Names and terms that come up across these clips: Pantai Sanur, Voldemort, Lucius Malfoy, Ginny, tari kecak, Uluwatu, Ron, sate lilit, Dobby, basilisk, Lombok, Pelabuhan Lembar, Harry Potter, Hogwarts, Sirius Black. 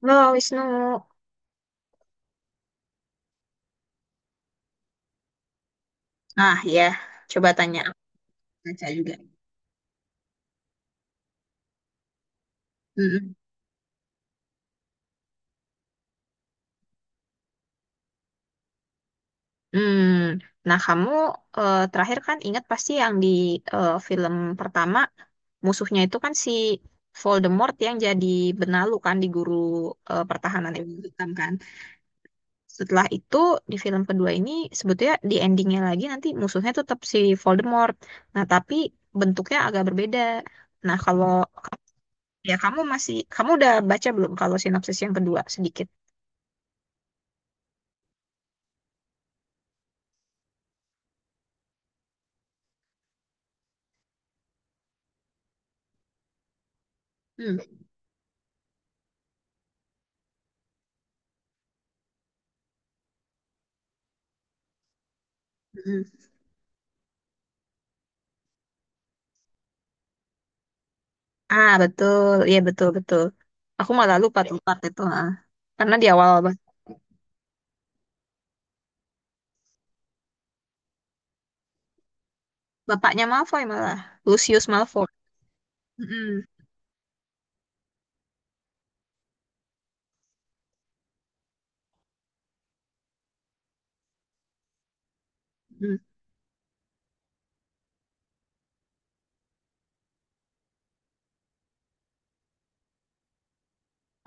Halo Wisnu. Ya, coba tanya aku baca juga. Mm-mm. Hmm. Nah, kamu terakhir kan ingat pasti yang di film pertama musuhnya itu kan si Voldemort yang jadi benalu kan di guru pertahanan Ibu Hitam kan. Setelah itu di film kedua ini sebetulnya di endingnya lagi nanti musuhnya tetap si Voldemort. Nah tapi bentuknya agak berbeda. Nah kalau ya, kamu kamu udah baca belum kalau sinopsis yang kedua sedikit? Hmm. Ah, betul. Iya, betul, betul. Aku malah lupa tuh part itu. Ah. Karena di awal bapaknya Malfoy malah. Lucius Malfoy. Mm-mm, mm.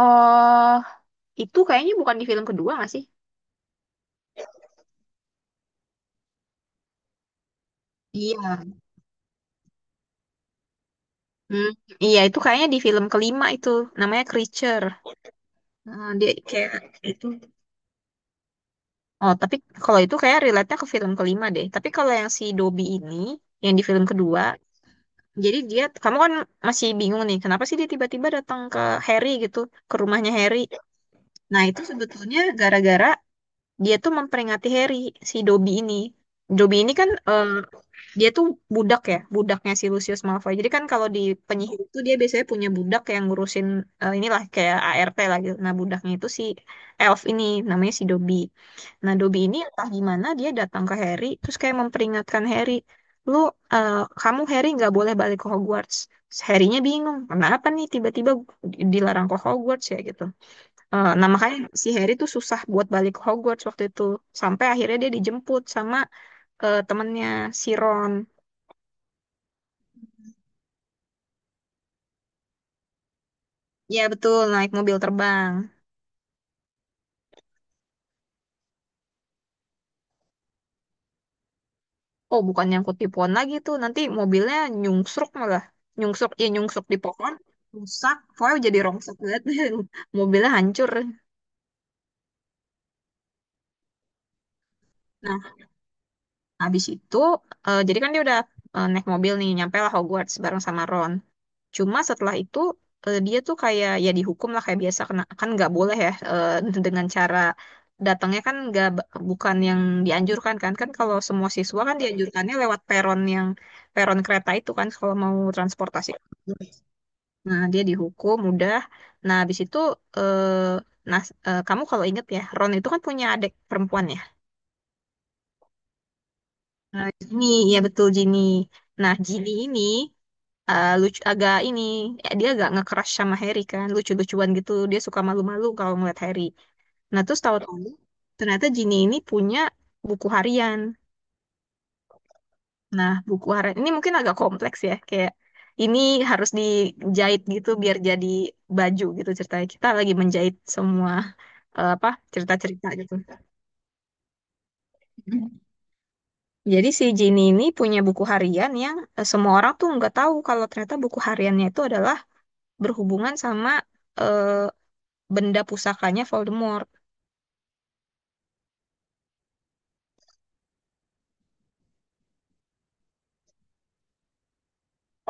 Oh, itu kayaknya bukan di film kedua, nggak sih? Iya. Hmm, iya, itu kayaknya di film kelima itu. Namanya Creature. Ah, dia kayak itu. Oh, tapi kalau itu kayak relate-nya ke film kelima deh. Tapi kalau yang si Dobby ini, yang di film kedua, jadi dia, kamu kan masih bingung nih, kenapa sih dia tiba-tiba datang ke Harry gitu, ke rumahnya Harry. Nah, itu sebetulnya gara-gara dia tuh memperingati Harry, si Dobby ini. Dobby ini kan dia tuh budak ya, budaknya si Lucius Malfoy. Jadi kan kalau di penyihir itu dia biasanya punya budak yang ngurusin inilah kayak ART lah gitu. Nah, budaknya itu si elf ini namanya si Dobby. Nah, Dobby ini entah gimana dia datang ke Harry terus kayak memperingatkan Harry, "Lu eh, kamu Harry nggak boleh balik ke Hogwarts." Harry-nya bingung, kenapa nih tiba-tiba dilarang ke Hogwarts ya gitu. Nah makanya si Harry tuh susah buat balik ke Hogwarts waktu itu sampai akhirnya dia dijemput sama temennya si Ron. Ya betul, naik mobil terbang. Oh bukan, nyangkut di pohon lagi tuh nanti, mobilnya nyungsruk malah, nyungsruk ya, nyungsruk di pohon, rusak pokoknya, jadi rongsok banget. Mobilnya hancur. Nah habis itu jadi kan dia udah naik mobil nih, nyampe lah Hogwarts bareng sama Ron. Cuma setelah itu dia tuh kayak ya dihukum lah kayak biasa kena kan nggak boleh ya, dengan cara datangnya kan nggak, bukan yang dianjurkan kan, kalau semua siswa kan dianjurkannya lewat peron yang peron kereta itu kan kalau mau transportasi. Nah dia dihukum udah. Nah habis itu, eh, nah, kamu kalau inget ya, Ron itu kan punya adik perempuan ya. Nah, Ginny, ya betul Ginny. Nah Ginny ini lucu, agak ini dia agak nge-crush sama Harry kan, lucu-lucuan gitu, dia suka malu-malu kalau ngeliat Harry. Nah terus tahu-tahu ternyata Ginny ini punya buku harian. Nah, buku harian ini mungkin agak kompleks ya, kayak ini harus dijahit gitu biar jadi baju gitu, ceritanya kita lagi menjahit semua apa cerita-cerita gitu. Jadi si Ginny ini punya buku harian yang semua orang tuh nggak tahu kalau ternyata buku hariannya itu adalah berhubungan sama eh, benda pusakanya Voldemort.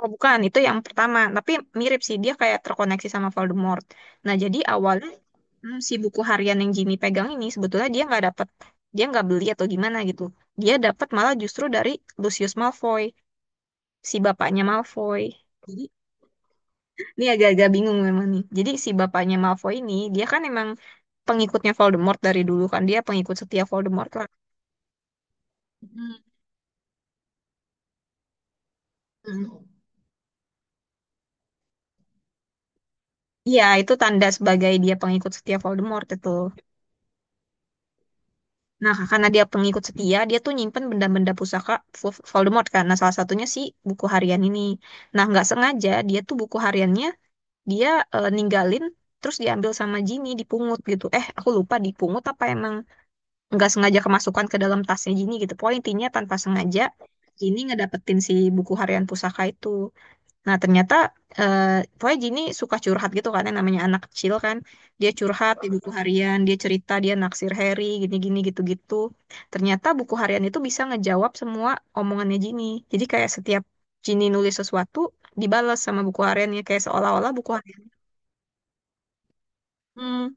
Oh bukan, itu yang pertama. Tapi mirip sih, dia kayak terkoneksi sama Voldemort. Nah jadi awalnya, hmm, si buku harian yang Jimmy pegang ini sebetulnya dia nggak dapet, dia nggak beli atau gimana gitu. Dia dapat malah justru dari Lucius Malfoy, si bapaknya Malfoy. Jadi ini agak-agak bingung memang nih. Jadi si bapaknya Malfoy ini dia kan emang pengikutnya Voldemort dari dulu kan, dia pengikut setia Voldemort lah. Hmm. Iya, itu tanda sebagai dia pengikut setia Voldemort itu. Nah, karena dia pengikut setia, dia tuh nyimpen benda-benda pusaka Voldemort kan. Nah, salah satunya si buku harian ini. Nah, nggak sengaja dia tuh buku hariannya dia ninggalin terus diambil sama Ginny, dipungut gitu. Eh, aku lupa dipungut apa emang nggak sengaja kemasukan ke dalam tasnya Ginny gitu. Pokoknya intinya tanpa sengaja Ginny ngedapetin si buku harian pusaka itu. Nah, ternyata eh pokoknya Jini suka curhat gitu kan, yang namanya anak kecil kan. Dia curhat di buku harian, dia cerita, dia naksir Harry, gini-gini gitu-gitu. Ternyata buku harian itu bisa ngejawab semua omongannya Jini. Jadi kayak setiap Jini nulis sesuatu, dibalas sama buku hariannya kayak seolah-olah buku harian. Hmm.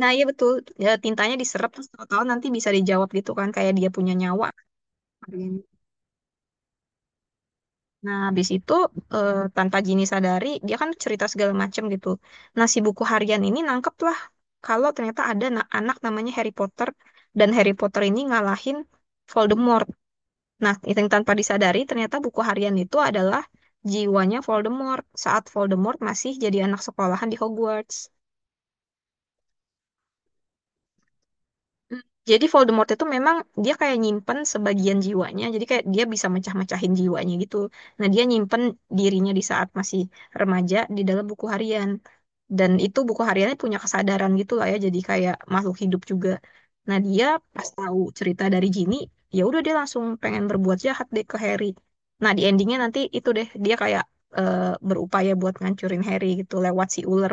Nah, iya betul. Ya, tintanya diserap terus tahu-tahu nanti bisa dijawab gitu kan, kayak dia punya nyawa. Nah, habis itu tanpa Gini sadari, dia kan cerita segala macam gitu. Nah, si buku harian ini nangkep lah kalau ternyata ada anak namanya Harry Potter dan Harry Potter ini ngalahin Voldemort. Nah, itu yang tanpa disadari ternyata buku harian itu adalah jiwanya Voldemort saat Voldemort masih jadi anak sekolahan di Hogwarts. Mm. Jadi Voldemort itu memang dia kayak nyimpen sebagian jiwanya, jadi kayak dia bisa mecah-mecahin jiwanya gitu. Nah, dia nyimpen dirinya di saat masih remaja di dalam buku harian. Dan itu buku hariannya punya kesadaran gitu lah ya, jadi kayak makhluk hidup juga. Nah, dia pas tahu cerita dari Ginny, ya udah dia langsung pengen berbuat jahat deh ke Harry. Nah, di endingnya nanti itu deh dia kayak eh, berupaya buat ngancurin Harry gitu lewat si ular.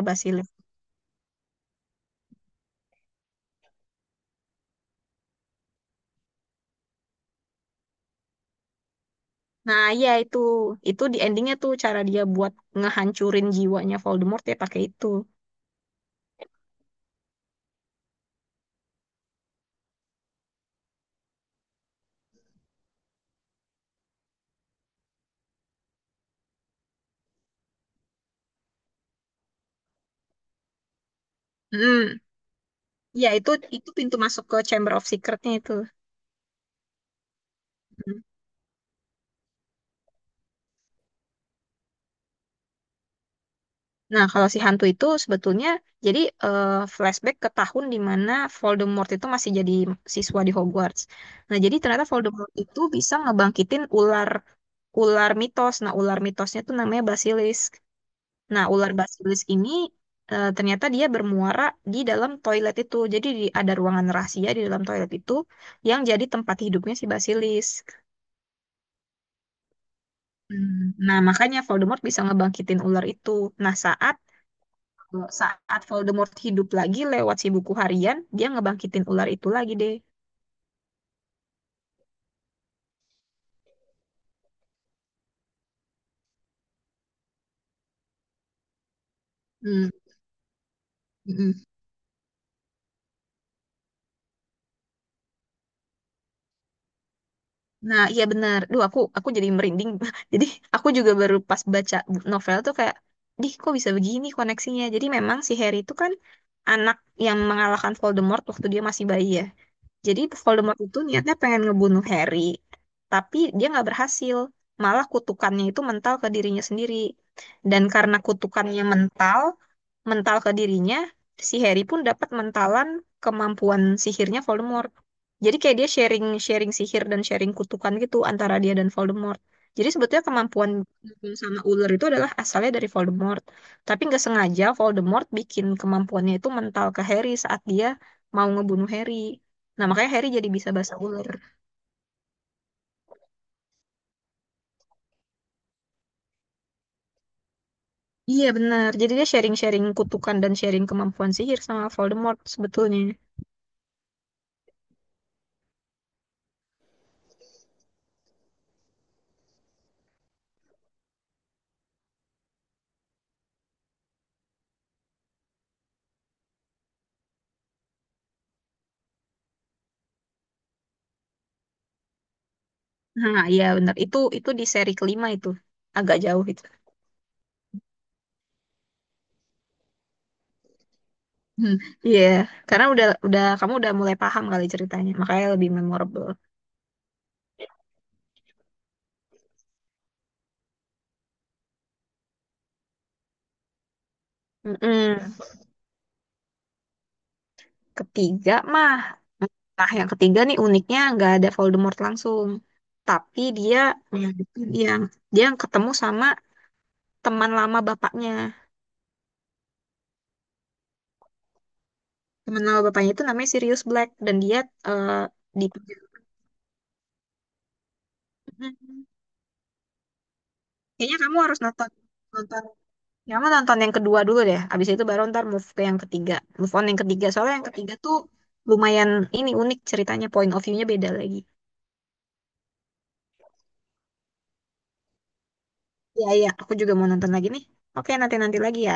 Nah, iya itu. Itu di endingnya tuh cara dia buat ngehancurin jiwanya Voldemort ya pakai itu. Mm. Iya, itu pintu masuk ke Chamber of Secret-nya itu. Mm. Nah, kalau si hantu itu sebetulnya jadi flashback ke tahun di mana Voldemort itu masih jadi siswa di Hogwarts. Nah, jadi ternyata Voldemort itu bisa ngebangkitin ular, ular mitos. Nah, ular mitosnya tuh namanya basilisk. Nah, ular basilis ini ternyata dia bermuara di dalam toilet itu. Jadi ada ruangan rahasia di dalam toilet itu yang jadi tempat hidupnya si basilis. Hmm, nah, makanya Voldemort bisa ngebangkitin ular itu. Nah, saat saat Voldemort hidup lagi lewat si buku harian, dia ngebangkitin ular itu lagi deh. Hmm. Mm-mm. Nah, iya benar. Duh, aku jadi merinding. Jadi aku juga baru pas baca novel tuh kayak, "Dih, kok bisa begini koneksinya?" Jadi memang si Harry itu kan anak yang mengalahkan Voldemort waktu dia masih bayi ya. Jadi Voldemort itu niatnya pengen ngebunuh Harry, tapi dia nggak berhasil. Malah kutukannya itu mental ke dirinya sendiri. Dan karena kutukannya mental, mental ke dirinya, si Harry pun dapat mentalan kemampuan sihirnya Voldemort. Jadi kayak dia sharing, sharing sihir dan sharing kutukan gitu antara dia dan Voldemort. Jadi sebetulnya kemampuan Dukun sama ular itu adalah asalnya dari Voldemort. Tapi nggak sengaja Voldemort bikin kemampuannya itu mental ke Harry saat dia mau ngebunuh Harry. Nah, makanya Harry jadi bisa bahasa ular. Iya, benar. Jadi dia sharing-sharing kutukan dan sharing kemampuan sihir sama Voldemort sebetulnya. Nah, iya benar. Itu di seri kelima itu. Agak jauh itu. Hmm, iya, karena udah kamu udah mulai paham kali ceritanya, makanya lebih memorable. Mm-mm. Ketiga mah, nah yang ketiga nih uniknya nggak ada Voldemort langsung, tapi dia yang dia, dia ketemu sama teman lama bapaknya. Temen nama bapaknya itu namanya Sirius Black dan dia eh, di Mhm. Kayaknya kamu harus nonton nonton ya, kamu nonton yang kedua dulu deh. Abis itu baru ntar move ke yang ketiga. Move on yang ketiga. Soalnya yang ketiga tuh lumayan ini, unik ceritanya. Point of view-nya beda lagi. Iya, iya. Aku juga mau nonton lagi nih. Oke, nanti-nanti lagi ya.